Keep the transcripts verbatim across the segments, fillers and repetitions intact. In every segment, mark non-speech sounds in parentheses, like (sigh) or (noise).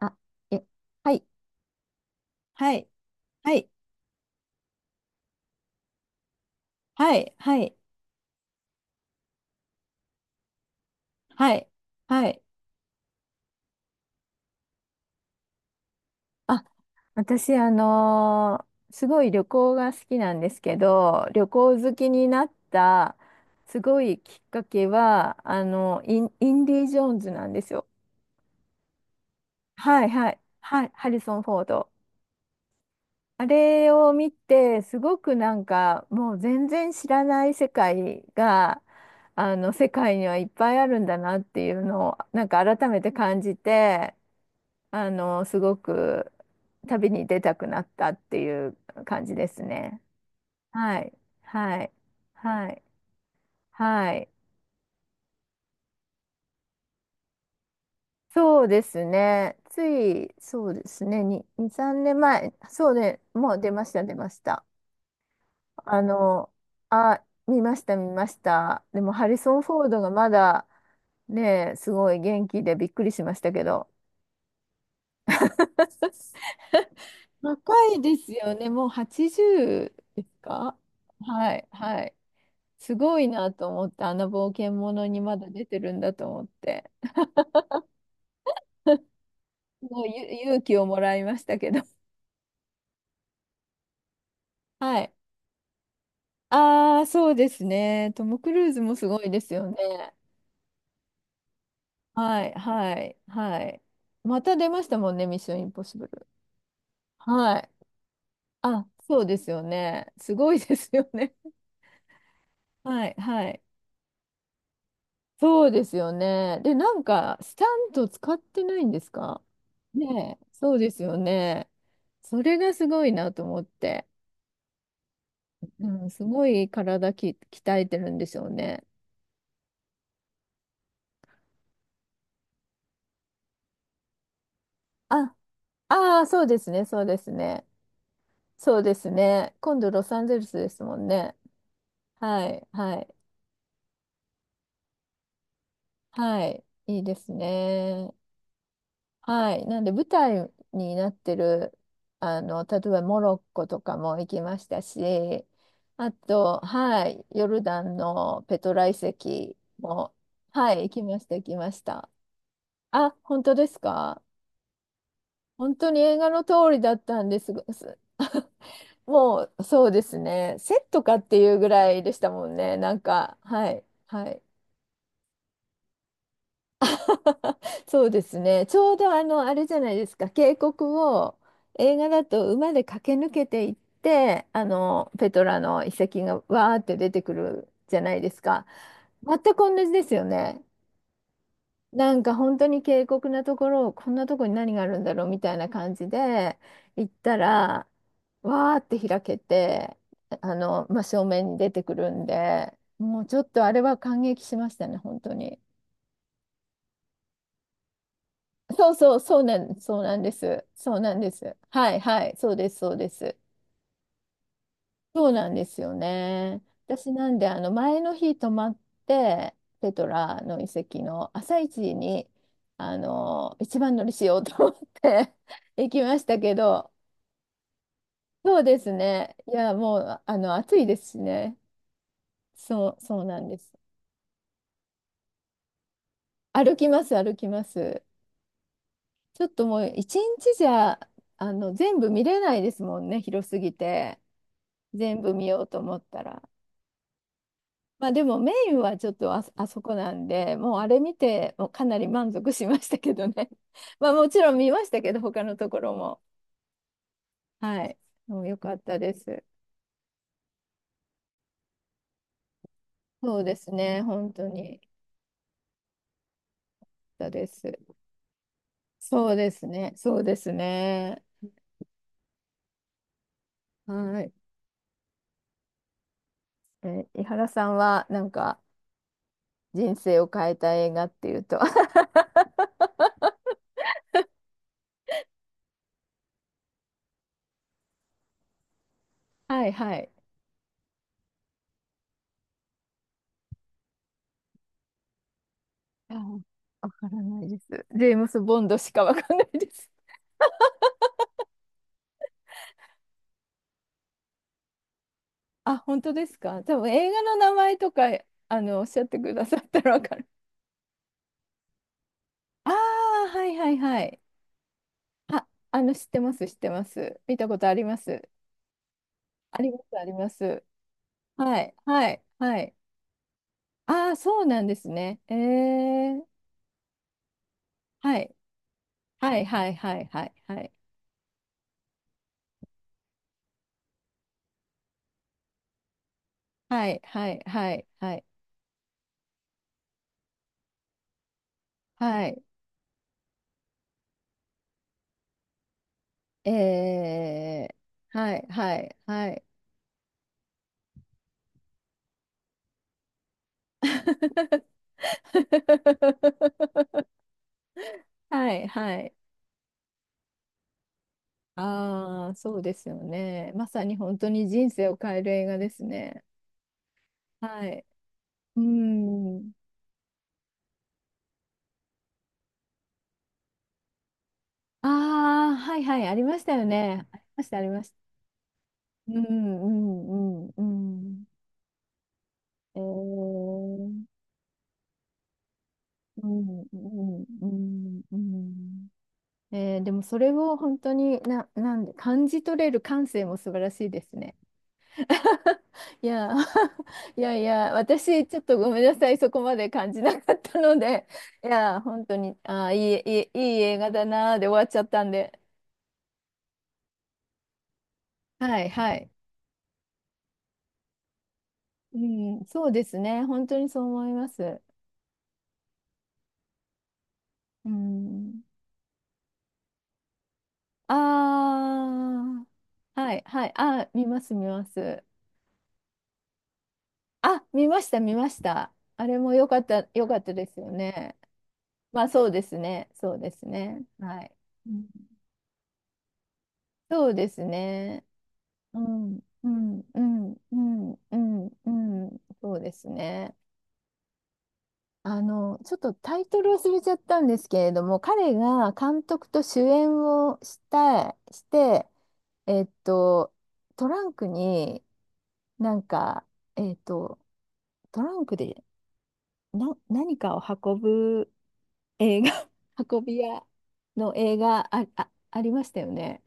あ、え、はい、はい、はい、はい、はい、はい、はい。あ、私、あのーすごい旅行が好きなんですけど、旅行好きになったすごいきっかけは、あの、イン、インディ・ジョーンズなんですよ。はい、はい、はい、ハリソン・フォード。あれを見て、すごくなんか、もう全然知らない世界が、あの、世界にはいっぱいあるんだなっていうのを、なんか改めて感じて、あの、すごく旅に出たくなったっていう感じですね。はい。はい。はい。はい。そうですね。つい、そうですね。に、に、さんねんまえ。そうね。もう出ました、出ました。あの、あ、見ました、見ました。でも、ハリソン・フォードがまだ、ね、すごい元気でびっくりしましたけど。(laughs) 若いですよね。もうはちじゅうですか？はい、はい。すごいなと思って、あの冒険者にまだ出てるんだと思って。もうゆ勇気をもらいましたけど。はい。ああ、そうですね。トム・クルーズもすごいですよね。はい、はい、はい。また出ましたもんね、ミッション・インポッシブル。はい。あ、そうですよね。すごいですよね。(laughs) はい、はい。そうですよね。で、なんか、スタント使ってないんですか？ねえ、そうですよね。それがすごいなと思って。うん、すごい体き鍛えてるんでしょうね。あ、ああ、そうですね、そうですね。そうですね。今度ロサンゼルスですもんね。はい、はい、はい。いいですね。はい。なんで舞台になってる、あの、例えばモロッコとかも行きましたし、あと、はい、ヨルダンのペトラ遺跡も、はい、行きました、行きました。あ、本当ですか？本当に映画の通りだったんですが、す (laughs) もうそうですね、セットかっていうぐらいでしたもんね、なんか、はい、はい。(laughs) そうですね。ちょうどあの、あれじゃないですか、渓谷を映画だと馬で駆け抜けていって、あの、ペトラの遺跡がわーって出てくるじゃないですか。全く同じですよね。なんか本当に渓谷なところを、こんなとこに何があるんだろうみたいな感じで行ったら、わーって開けて、あの、真正面に出てくるんで、もうちょっとあれは感激しましたね、本当に。そうそう、そうなん、そうなんです。そうなんです。はいはい、そうです、そうです。そうなんですよね。私なんで、あの、前の日泊まって、ペトラの遺跡の朝一に、あの、一番乗りしようと思って (laughs) 行きましたけど、そうですね。いや、もう、あの、暑いですしね。そう、そうなんです。歩きます、歩きます。ちょっともう、一日じゃ、あの、全部見れないですもんね、広すぎて。全部見ようと思ったら。まあでもメインはちょっとあ、あそこなんで、もうあれ見て、もうかなり満足しましたけどね。(laughs) まあもちろん見ましたけど、他のところも。はい。もう良かったです。そうですね。本当に良かったです。そうですね。そうですね。はい。え、井原さんはなんか人生を変えた映画っていうと。 (laughs) はいはい。あ、わからないです。ジェームス・ボンドしかわかんないです。あ、本当ですか。多分映画の名前とか、あの、おっしゃってくださったらわかる。ああ、はいはいはい。あ、あの、知ってます、知ってます。見たことあります。あります、あります。はい、はい、はい。ああ、そうなんですね。えー、はい、はい、はい、はい、はい、はい、はい、はい、はい、はい、はい、えー、はい、はい、はい。(laughs) はい、はい。ああ、そうですよね。まさに本当に人生を変える映画ですね。はい。うん。ああ、はいはい、ありましたよね。ありました、ありました。うん、うん、うん、うん。えー、うん、うん、うん、うん。えー、でもそれを本当にな、なんで、感じ取れる感性も素晴らしいですね。(laughs) いや、(laughs) いやいや、私、ちょっとごめんなさい、そこまで感じなかったので、いや、本当に、あー、いい、いい、いい映画だなーで終わっちゃったんで、はい、はい。うん、そうですね、本当にそう思います。うん、ああ、はい、はい、あー、見ます、見ます。あ、見ました、見ました。あれも良かった、良かったですよね。まあ、そうですね、そうですね。はい。うんそうですね。うん、うん、うん、うん、うん、うんそうですね。あの、ちょっとタイトル忘れちゃったんですけれども、彼が監督と主演をしたい、して、えっと、トランクになんか、えっと、トランクでな、何かを運ぶ映画、(laughs) 運び屋の映画あ、あ、ありましたよね。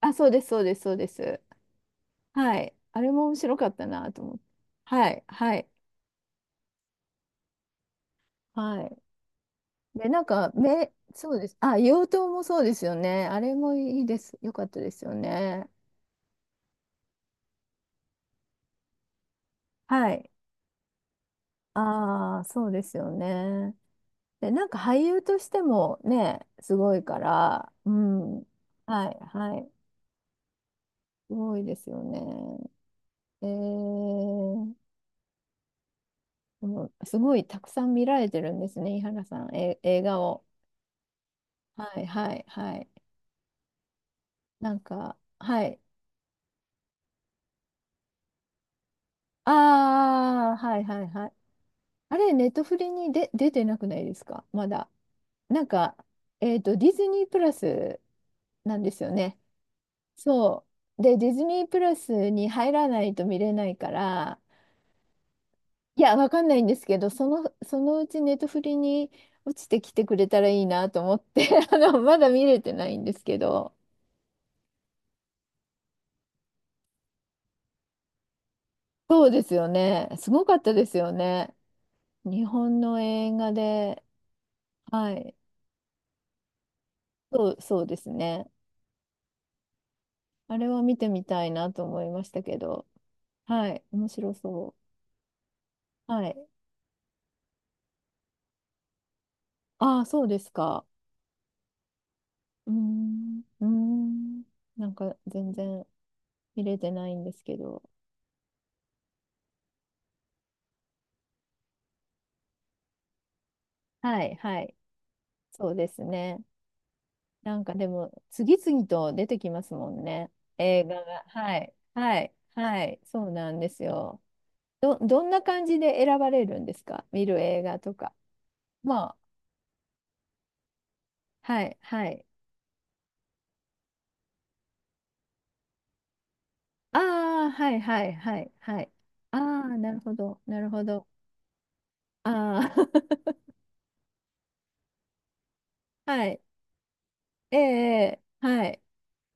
あ、そうです、そうです、そうです。はい。あれも面白かったなと思って。はい、はい、はい。で、なんか、め、そうです。あ、硫黄島もそうですよね。あれもいいです。よかったですよね。はい。ああ、そうですよね。で、なんか俳優としてもね、すごいから、うん。はい、はい。すごいですよね。えー、もうすごいたくさん見られてるんですね、井原さん、え、映画を。はい、はい、はい。なんか、はい。ああ、はいはいはい。あれ、ネットフリにで出てなくないですか、まだ。なんか、えっと、ディズニープラスなんですよね。そう。で、ディズニープラスに入らないと見れないから、いや、わかんないんですけど、その、そのうちネットフリに落ちてきてくれたらいいなと思って、(laughs) あの、まだ見れてないんですけど、そうですよね。すごかったですよね。日本の映画で、はい。そう、そうですね。あれは見てみたいなと思いましたけど。はい。面白そう。はい。ああ、そうですか。うーん。うーん。なんか全然見れてないんですけど。はい、はい。そうですね。なんかでも、次々と出てきますもんね。映画が。はい。はい。はい。そうなんですよ。ど、どんな感じで選ばれるんですか、見る映画とか。まあ、はい、はい。ああ、はい、はい、はい、はい。ああ、なるほど、なるほど。ああ、(laughs) はい。ええ、ええはい。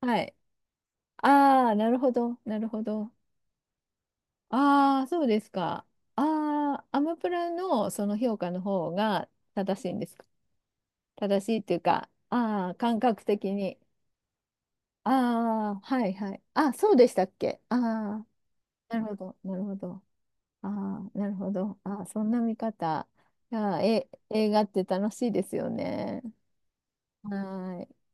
はい。ああ、なるほど、なるほど。ああ、そうですか。ああ、アマプラのその評価の方が正しいんですか。正しいっていうか、ああ、感覚的に。ああ、はいはい。あ、そうでしたっけ。ああ、なるほど、なるほど。ああ、なるほど。ああ、そんな見方。ああー、え、映画って楽しいですよね。はーい。